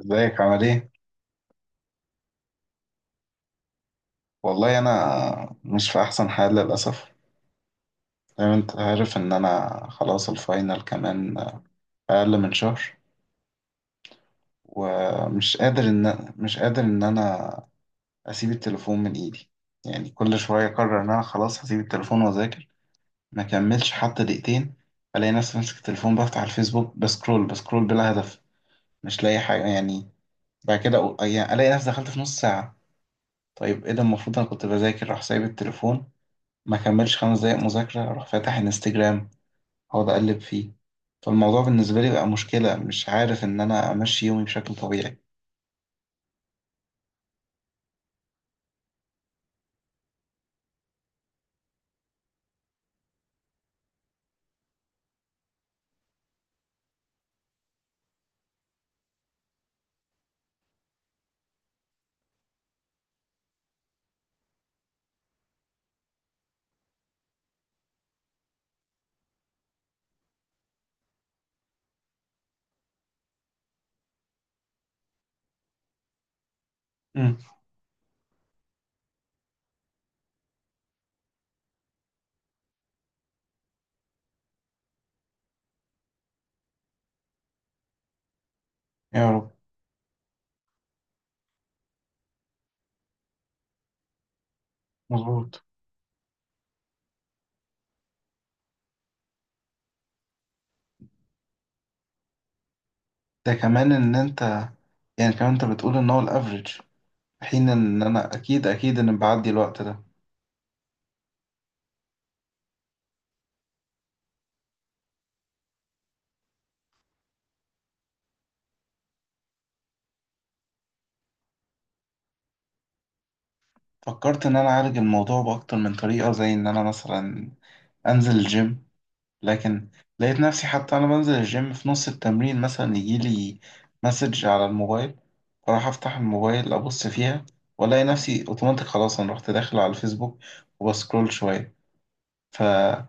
ازيك عامل ايه؟ والله انا مش في احسن حال للاسف. زي ما انت عارف ان انا خلاص الفاينل، كمان اقل من شهر. ومش قادر ان مش قادر ان انا اسيب التليفون من ايدي. يعني كل شويه اقرر ان انا خلاص هسيب التليفون واذاكر، ما كملش حتى دقيقتين، الاقي نفسي ماسك التليفون، بفتح الفيسبوك، بسكرول بسكرول بلا هدف، مش لاقي حاجه يعني. بعد كده يعني الاقي نفسي دخلت في نص ساعه. طيب ايه ده، المفروض انا كنت بذاكر، راح سايب التليفون، ما كملش 5 دقايق مذاكرة أروح فاتح انستجرام، أقعد أقلب فيه. فالموضوع بالنسبة لي بقى مشكلة، مش عارف إن أنا أمشي يومي بشكل طبيعي. امم. يا رب. مظبوط. ده كمان إن أنت، يعني كمان أنت بتقول إن هو الأفريج، حين إن أنا أكيد أكيد إن بعدي الوقت ده. فكرت إن أنا أعالج الموضوع بأكتر من طريقة، زي إن أنا مثلا أنزل الجيم. لكن لقيت نفسي حتى أنا بنزل الجيم في نص التمرين، مثلا يجيلي مسج على الموبايل، فراح أفتح الموبايل أبص فيها، وألاقي نفسي أوتوماتيك خلاص أنا رحت داخل على الفيسبوك وبسكرول شوية. فما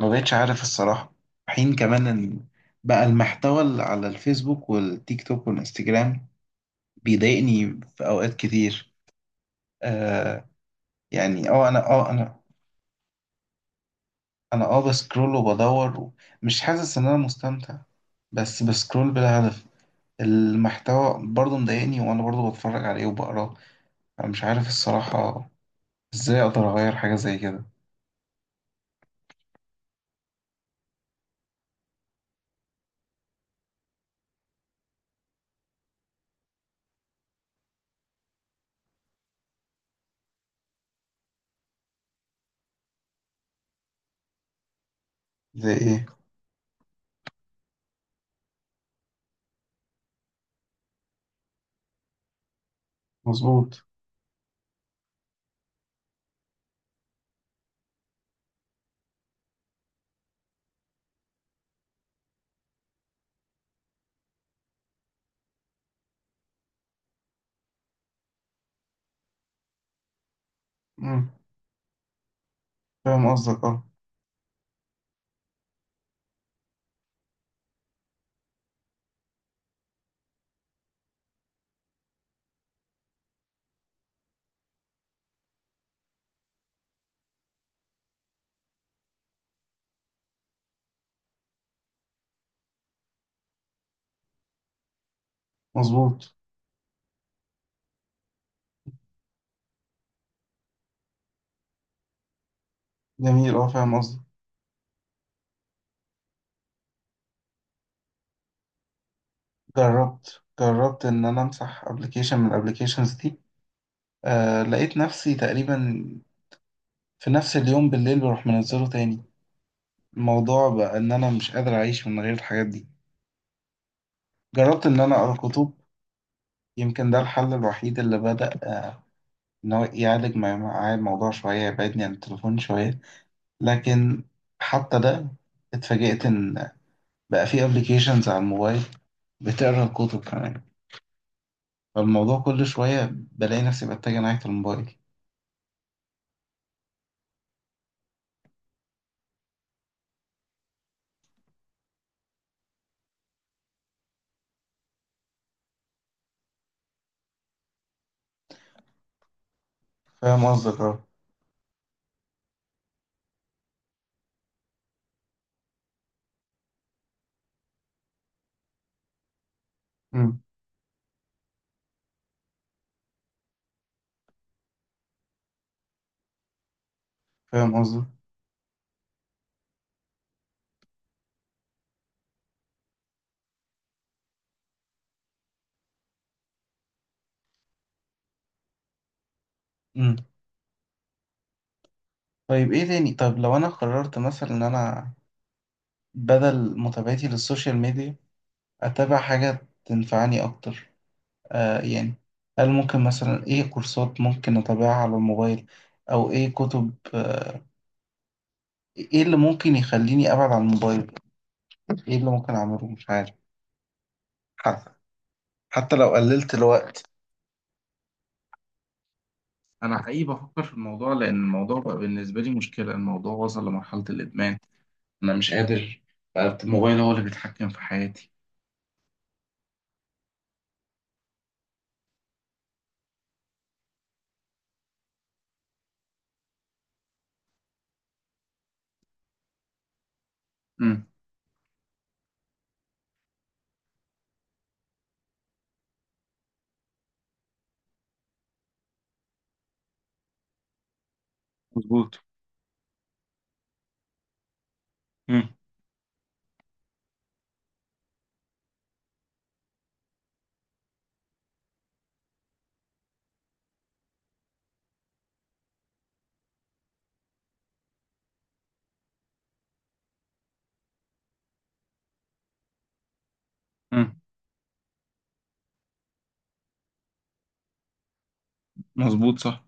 بقتش عارف الصراحة. حين كمان إن بقى المحتوى اللي على الفيسبوك والتيك توك والإنستجرام بيضايقني في أوقات كتير. آه. يعني أنا بسكرول وبدور، مش حاسس إن أنا مستمتع، بس بسكرول بلا هدف. المحتوى برضه مضايقني، وانا برضه بتفرج عليه وبقراه. انا مش عارف الصراحة ازاي اقدر اغير حاجة زي كده. زي ايه؟ مظبوط. مم. فاهم قصدك اه. مظبوط. جميل، اه فاهم قصدك. جربت ان انا امسح ابلكيشن من الابلكيشنز دي. آه، لقيت نفسي تقريبا في نفس اليوم بالليل بروح منزله تاني. الموضوع بقى ان انا مش قادر اعيش من غير الحاجات دي. جربت ان انا اقرا كتب. يمكن ده الحل الوحيد اللي بدأ إن هو يعالج معايا الموضوع شوية، يبعدني عن التليفون شوية. لكن حتى ده اتفاجئت إن بقى في ابلكيشنز على الموبايل بتقرا الكتب كمان. فالموضوع كل شوية بلاقي نفسي بتجه ناحية الموبايل. فاهم قصدك اه. أمم. فاهم قصدك. أمم. طيب ايه تاني، طب لو انا قررت مثلا ان انا بدل متابعتي للسوشيال ميديا اتابع حاجة تنفعني اكتر. يعني هل ممكن مثلا ايه كورسات ممكن اتابعها على الموبايل، او ايه كتب، ايه اللي ممكن يخليني ابعد عن الموبايل، ايه اللي ممكن اعمله، مش عارف. حتى، لو قللت الوقت. انا حقيقي بفكر في الموضوع لان الموضوع بقى بالنسبه لي مشكله، الموضوع وصل لمرحله الادمان. انا مش قادر، بقى الموبايل هو اللي بيتحكم في حياتي. امم. مظبوط. امم. امم، مظبوط، صح.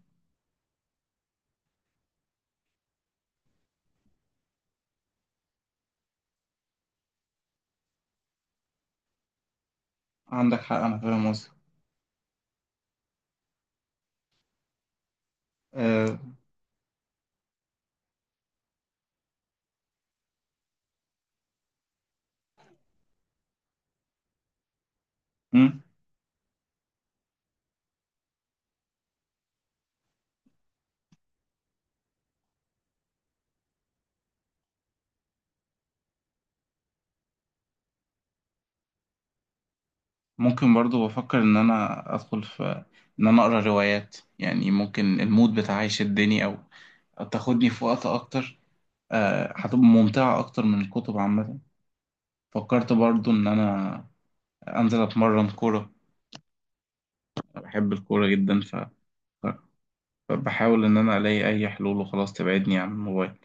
عندك حق، انا فاهم قصدك. أه. مم. ممكن برضو بفكر ان انا ادخل في، ان انا اقرا روايات. يعني ممكن المود بتاعي يشدني، او تاخدني في وقت اكتر. هتبقى ممتعة اكتر من الكتب عامة. فكرت برضو ان انا انزل اتمرن كورة، بحب الكورة جدا. ف- فبحاول ان انا الاقي اي حلول وخلاص تبعدني عن الموبايل.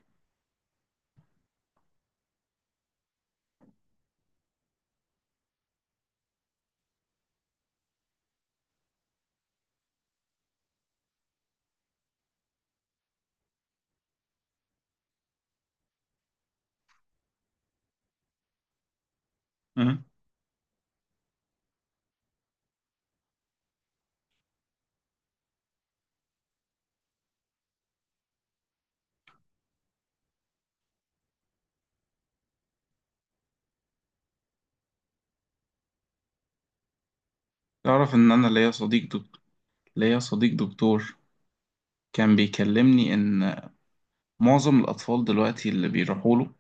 أه. تعرف ان انا ليا صديق دكتور. ليا صديق دكتور كان بيكلمني ان معظم الاطفال دلوقتي اللي بيروحوا له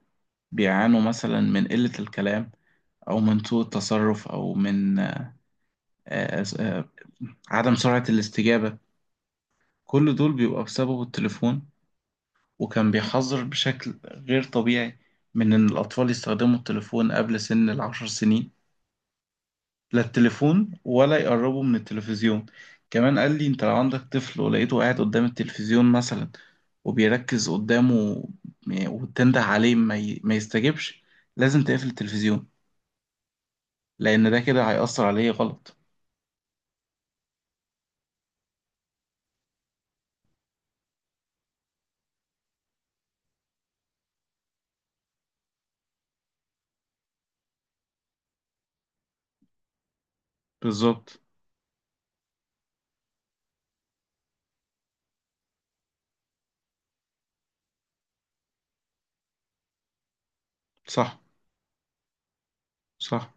بيعانوا مثلا من قلة الكلام، أو من سوء التصرف، أو من آه، عدم سرعة الاستجابة. كل دول بيبقى بسبب التليفون، وكان بيحذر بشكل غير طبيعي من إن الأطفال يستخدموا التليفون قبل سن ال10 سنين، لا التليفون ولا يقربوا من التلفزيون. كمان قال لي، أنت لو عندك طفل ولقيته قاعد قدام التلفزيون مثلا وبيركز قدامه وتنده عليه ما يستجبش، لازم تقفل التلفزيون، لأن ده كده هيأثر عليه غلط. بالظبط. صح، صح.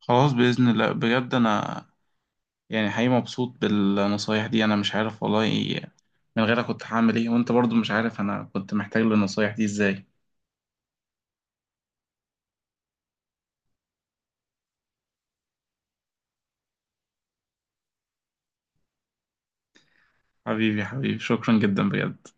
خلاص بإذن الله، بجد أنا يعني حقيقي مبسوط بالنصايح دي. أنا مش عارف والله إيه- من غيرك كنت هعمل إيه، وأنت برضو مش عارف أنا كنت محتاج للنصايح دي إزاي. حبيبي حبيبي، شكرا جدا بجد.